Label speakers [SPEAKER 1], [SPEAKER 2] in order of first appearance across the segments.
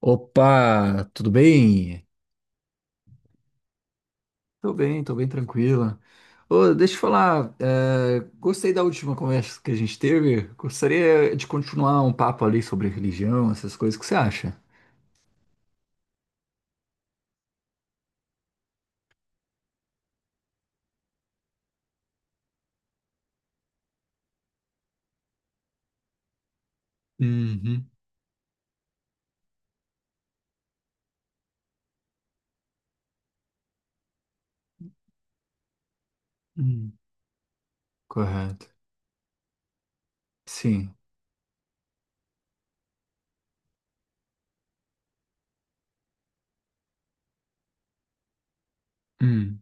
[SPEAKER 1] Opa, tudo bem? Tô bem, tô bem tranquila. Ô, deixa eu falar, gostei da última conversa que a gente teve. Gostaria de continuar um papo ali sobre religião, essas coisas. O que você acha? Uhum, uhum, correto. Sim. Uhum,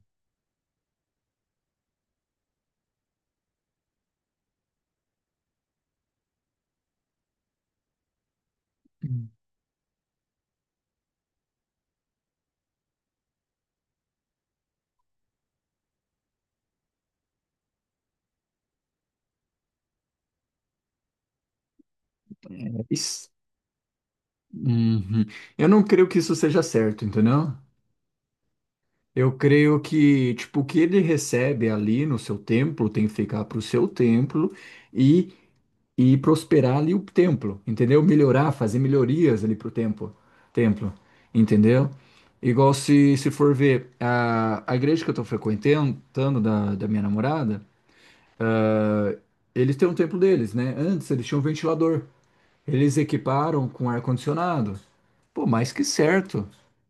[SPEAKER 1] uhum. Isso. Uhum. Eu não creio que isso seja certo, entendeu? Eu creio que, tipo, o que ele recebe ali no seu templo tem que ficar pro seu templo e e prosperar ali o templo, entendeu? Melhorar, fazer melhorias ali pro templo, templo, entendeu? Igual se for ver a igreja que eu tô frequentando da minha namorada, ah, eles têm um templo deles, né? Antes eles tinham um ventilador. Eles equiparam com ar-condicionado. Pô, mais que certo,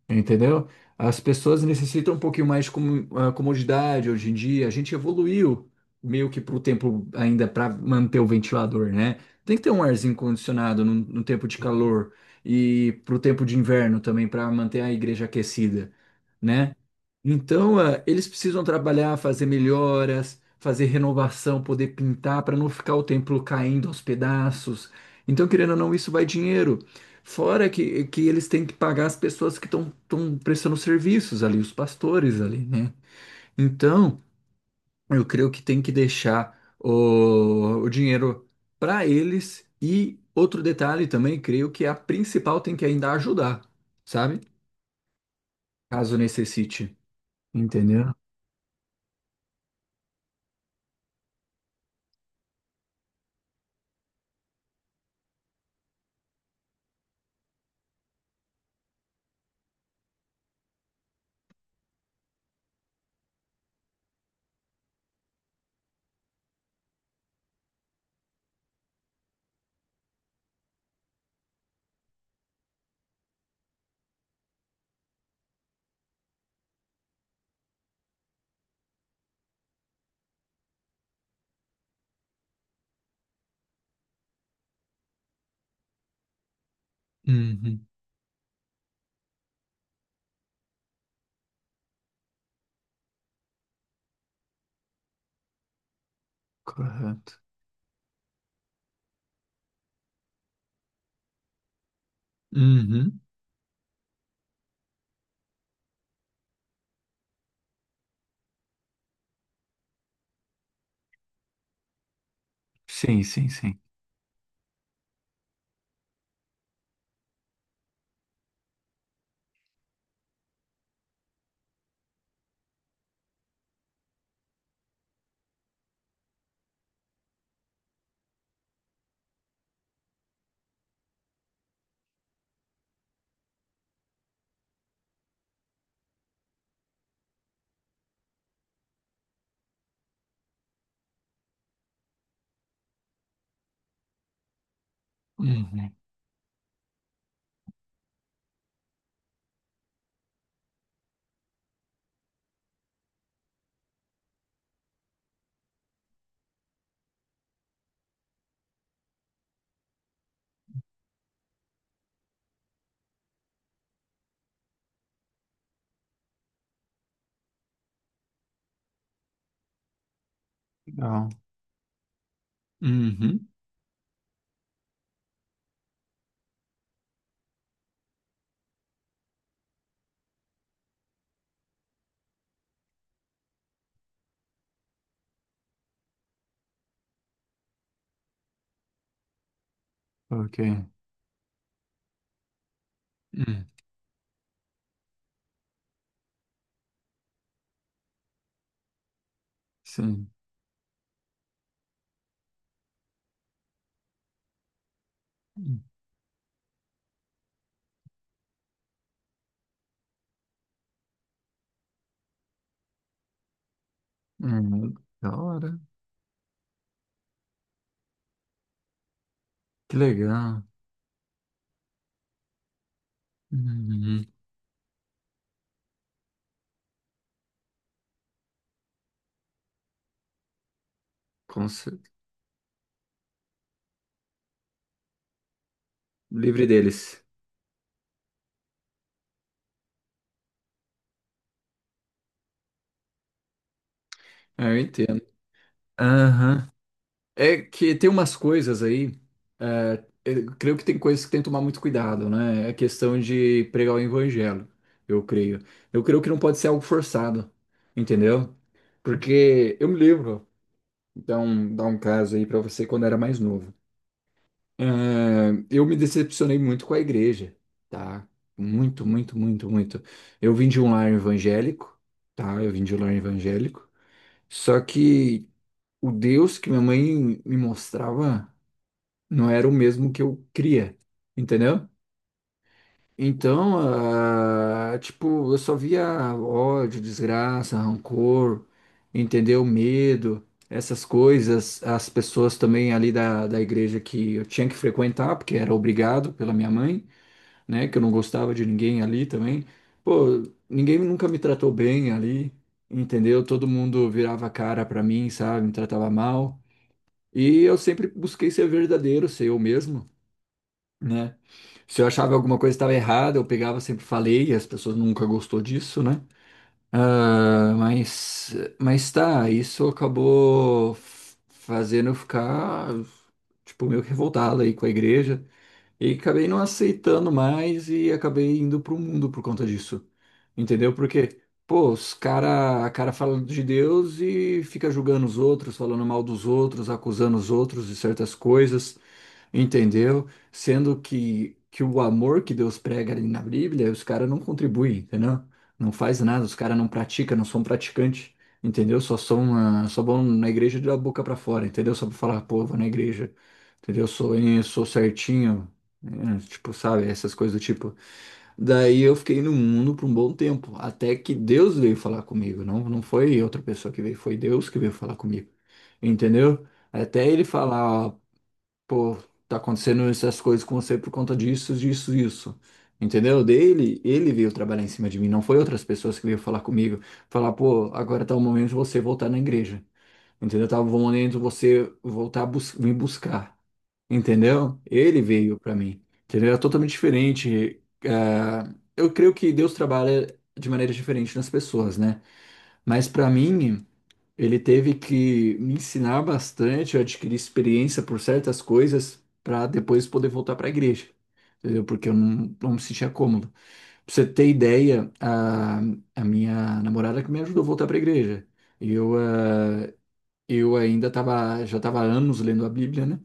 [SPEAKER 1] entendeu? As pessoas necessitam um pouquinho mais de comodidade hoje em dia. A gente evoluiu meio que para o tempo ainda para manter o ventilador, né? Tem que ter um arzinho condicionado no tempo de calor e para o tempo de inverno também para manter a igreja aquecida, né? Então, eles precisam trabalhar, fazer melhoras, fazer renovação, poder pintar para não ficar o templo caindo aos pedaços, então, querendo ou não, isso vai dinheiro. Fora que eles têm que pagar as pessoas que estão prestando serviços ali, os pastores ali, né? Então, eu creio que tem que deixar o dinheiro para eles. E outro detalhe também, creio que a principal tem que ainda ajudar, sabe? Caso necessite. Entendeu? Uhum, correto. Uhum. Sim, sim, sim. Uhum. Legal. Uhum. Ok. Hum. Sim. Hum, da hora. Que legal. Uhum. Com cer- Livre deles. É, eu entendo. Aham. É que tem umas coisas aí. Eu creio que tem coisas que tem que tomar muito cuidado, né? É questão de pregar o evangelho, eu creio. Eu creio que não pode ser algo forçado, entendeu? Porque eu me lembro. Então, dá um caso aí pra você quando era mais novo. É, eu me decepcionei muito com a igreja, tá? Muito, muito, muito, muito. Eu vim de um lar evangélico, tá? Eu vim de um lar evangélico. Só que o Deus que minha mãe me mostrava não era o mesmo que eu cria, entendeu? Então, tipo, eu só via ódio, desgraça, rancor, entendeu? Medo, essas coisas. As pessoas também ali da igreja que eu tinha que frequentar, porque era obrigado pela minha mãe, né? Que eu não gostava de ninguém ali também. Pô, ninguém nunca me tratou bem ali, entendeu? Todo mundo virava a cara pra mim, sabe? Me tratava mal. E eu sempre busquei ser verdadeiro, ser eu mesmo, né? Se eu achava alguma coisa estava errada, eu pegava, sempre falei, e as pessoas nunca gostou disso, né? Ah, mas, mas tá, isso acabou fazendo eu ficar, tipo, meio que revoltado aí com a igreja. E acabei não aceitando mais e acabei indo pro mundo por conta disso. Entendeu? Porque, pô, a cara fala de Deus e fica julgando os outros, falando mal dos outros, acusando os outros de certas coisas, entendeu? Sendo que o amor que Deus prega ali na Bíblia, os caras não contribuem, entendeu? Não faz nada, os caras não praticam, não são praticantes, entendeu? Só são, só vão na igreja da boca pra fora, entendeu? Só pra falar, pô, vou na igreja. Entendeu? Eu sou certinho, tipo, sabe, essas coisas do tipo. Daí eu fiquei no mundo por um bom tempo, até que Deus veio falar comigo, não foi outra pessoa que veio, foi Deus que veio falar comigo, entendeu? Até ele falar, ó, pô, tá acontecendo essas coisas com você por conta disso, disso, isso, entendeu? Ele veio trabalhar em cima de mim, não foi outras pessoas que veio falar comigo, falar, pô, agora tá o momento de você voltar na igreja, entendeu? Tá o momento de você voltar a bus me buscar. Entendeu? Ele veio para mim. Entendeu? É totalmente diferente. Ah, eu creio que Deus trabalha de maneira diferente nas pessoas, né? Mas para mim, ele teve que me ensinar bastante, eu adquiri experiência por certas coisas para depois poder voltar para a igreja. Entendeu? Porque eu não, não me sentia cômodo. Pra você ter ideia, a minha namorada que me ajudou a voltar para a igreja. Eu, já estava há anos lendo a Bíblia, né?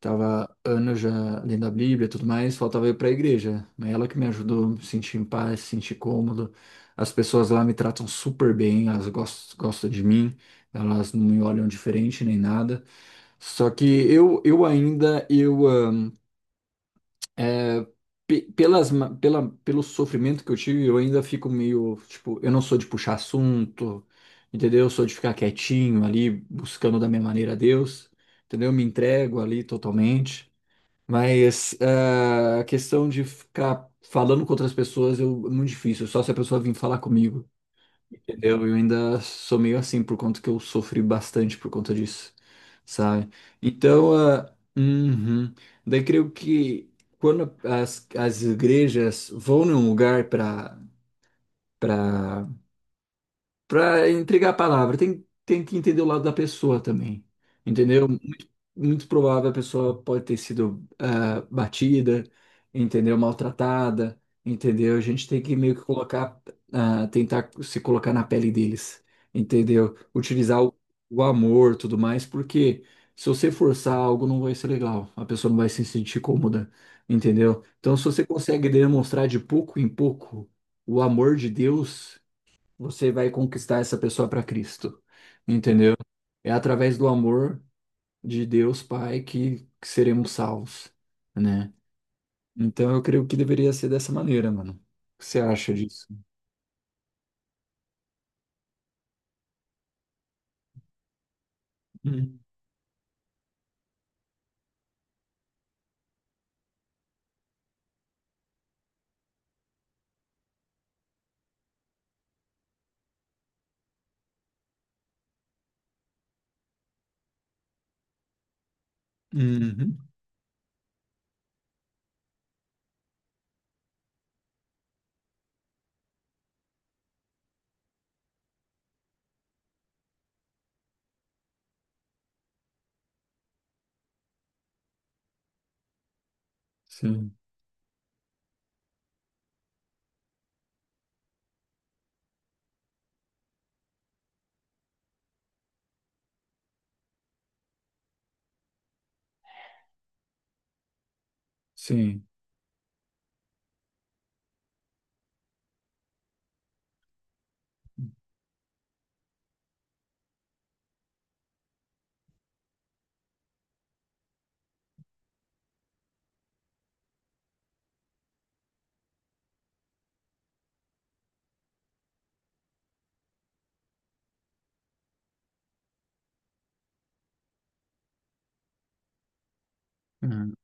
[SPEAKER 1] Tava anos já lendo a Bíblia e tudo mais, faltava ir para a igreja. Mas ela que me ajudou a me sentir em paz, sentir cômodo. As pessoas lá me tratam super bem, elas gostam de mim, elas não me olham diferente nem nada. Só que eu ainda, eu, ah, pe- pelas, ma- pela, pelo sofrimento que eu tive, eu ainda fico meio, tipo, eu não sou de puxar assunto, entendeu? Eu sou de ficar quietinho ali, buscando da minha maneira a Deus, entendeu? Eu me entrego ali totalmente. Mas a questão de ficar falando com outras pessoas é muito difícil, só se a pessoa vir falar comigo, entendeu? Eu ainda sou meio assim, por conta que eu sofri bastante por conta disso, sabe? Então, uhum. Daí creio que quando as igrejas vão num lugar para para entregar a palavra. Tem que entender o lado da pessoa também, entendeu? Muito, muito provável a pessoa pode ter sido batida, entendeu? Maltratada, entendeu? A gente tem que meio que colocar, tentar se colocar na pele deles, entendeu? Utilizar o amor, tudo mais, porque se você forçar algo, não vai ser legal. A pessoa não vai se sentir cômoda, entendeu? Então, se você consegue demonstrar de pouco em pouco o amor de Deus, você vai conquistar essa pessoa para Cristo, entendeu? É através do amor de Deus Pai que seremos salvos, né? Então eu creio que deveria ser dessa maneira, mano. O que você acha disso? Uhum. Uhum. Sim, sim. Uhum.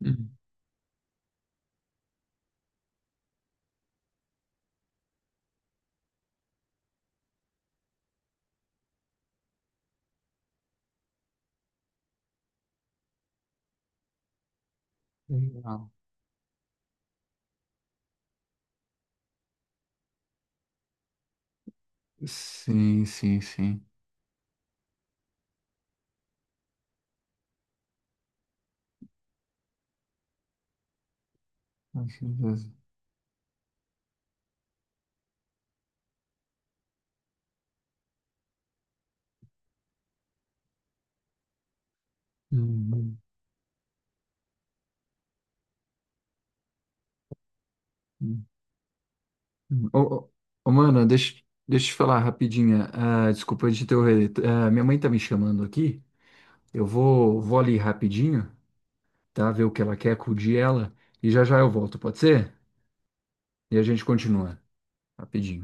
[SPEAKER 1] Uhum. Legal. Sim, sim, sim. Uhum. Uhum. Ô, ô, ô, mano, deixa, deixa eu te falar rapidinho. Ah, desculpa de interromper. Ah, minha mãe tá me chamando aqui. Vou ali rapidinho, tá? Ver o que ela quer, acudir ela. E já já eu volto, pode ser? E a gente continua rapidinho.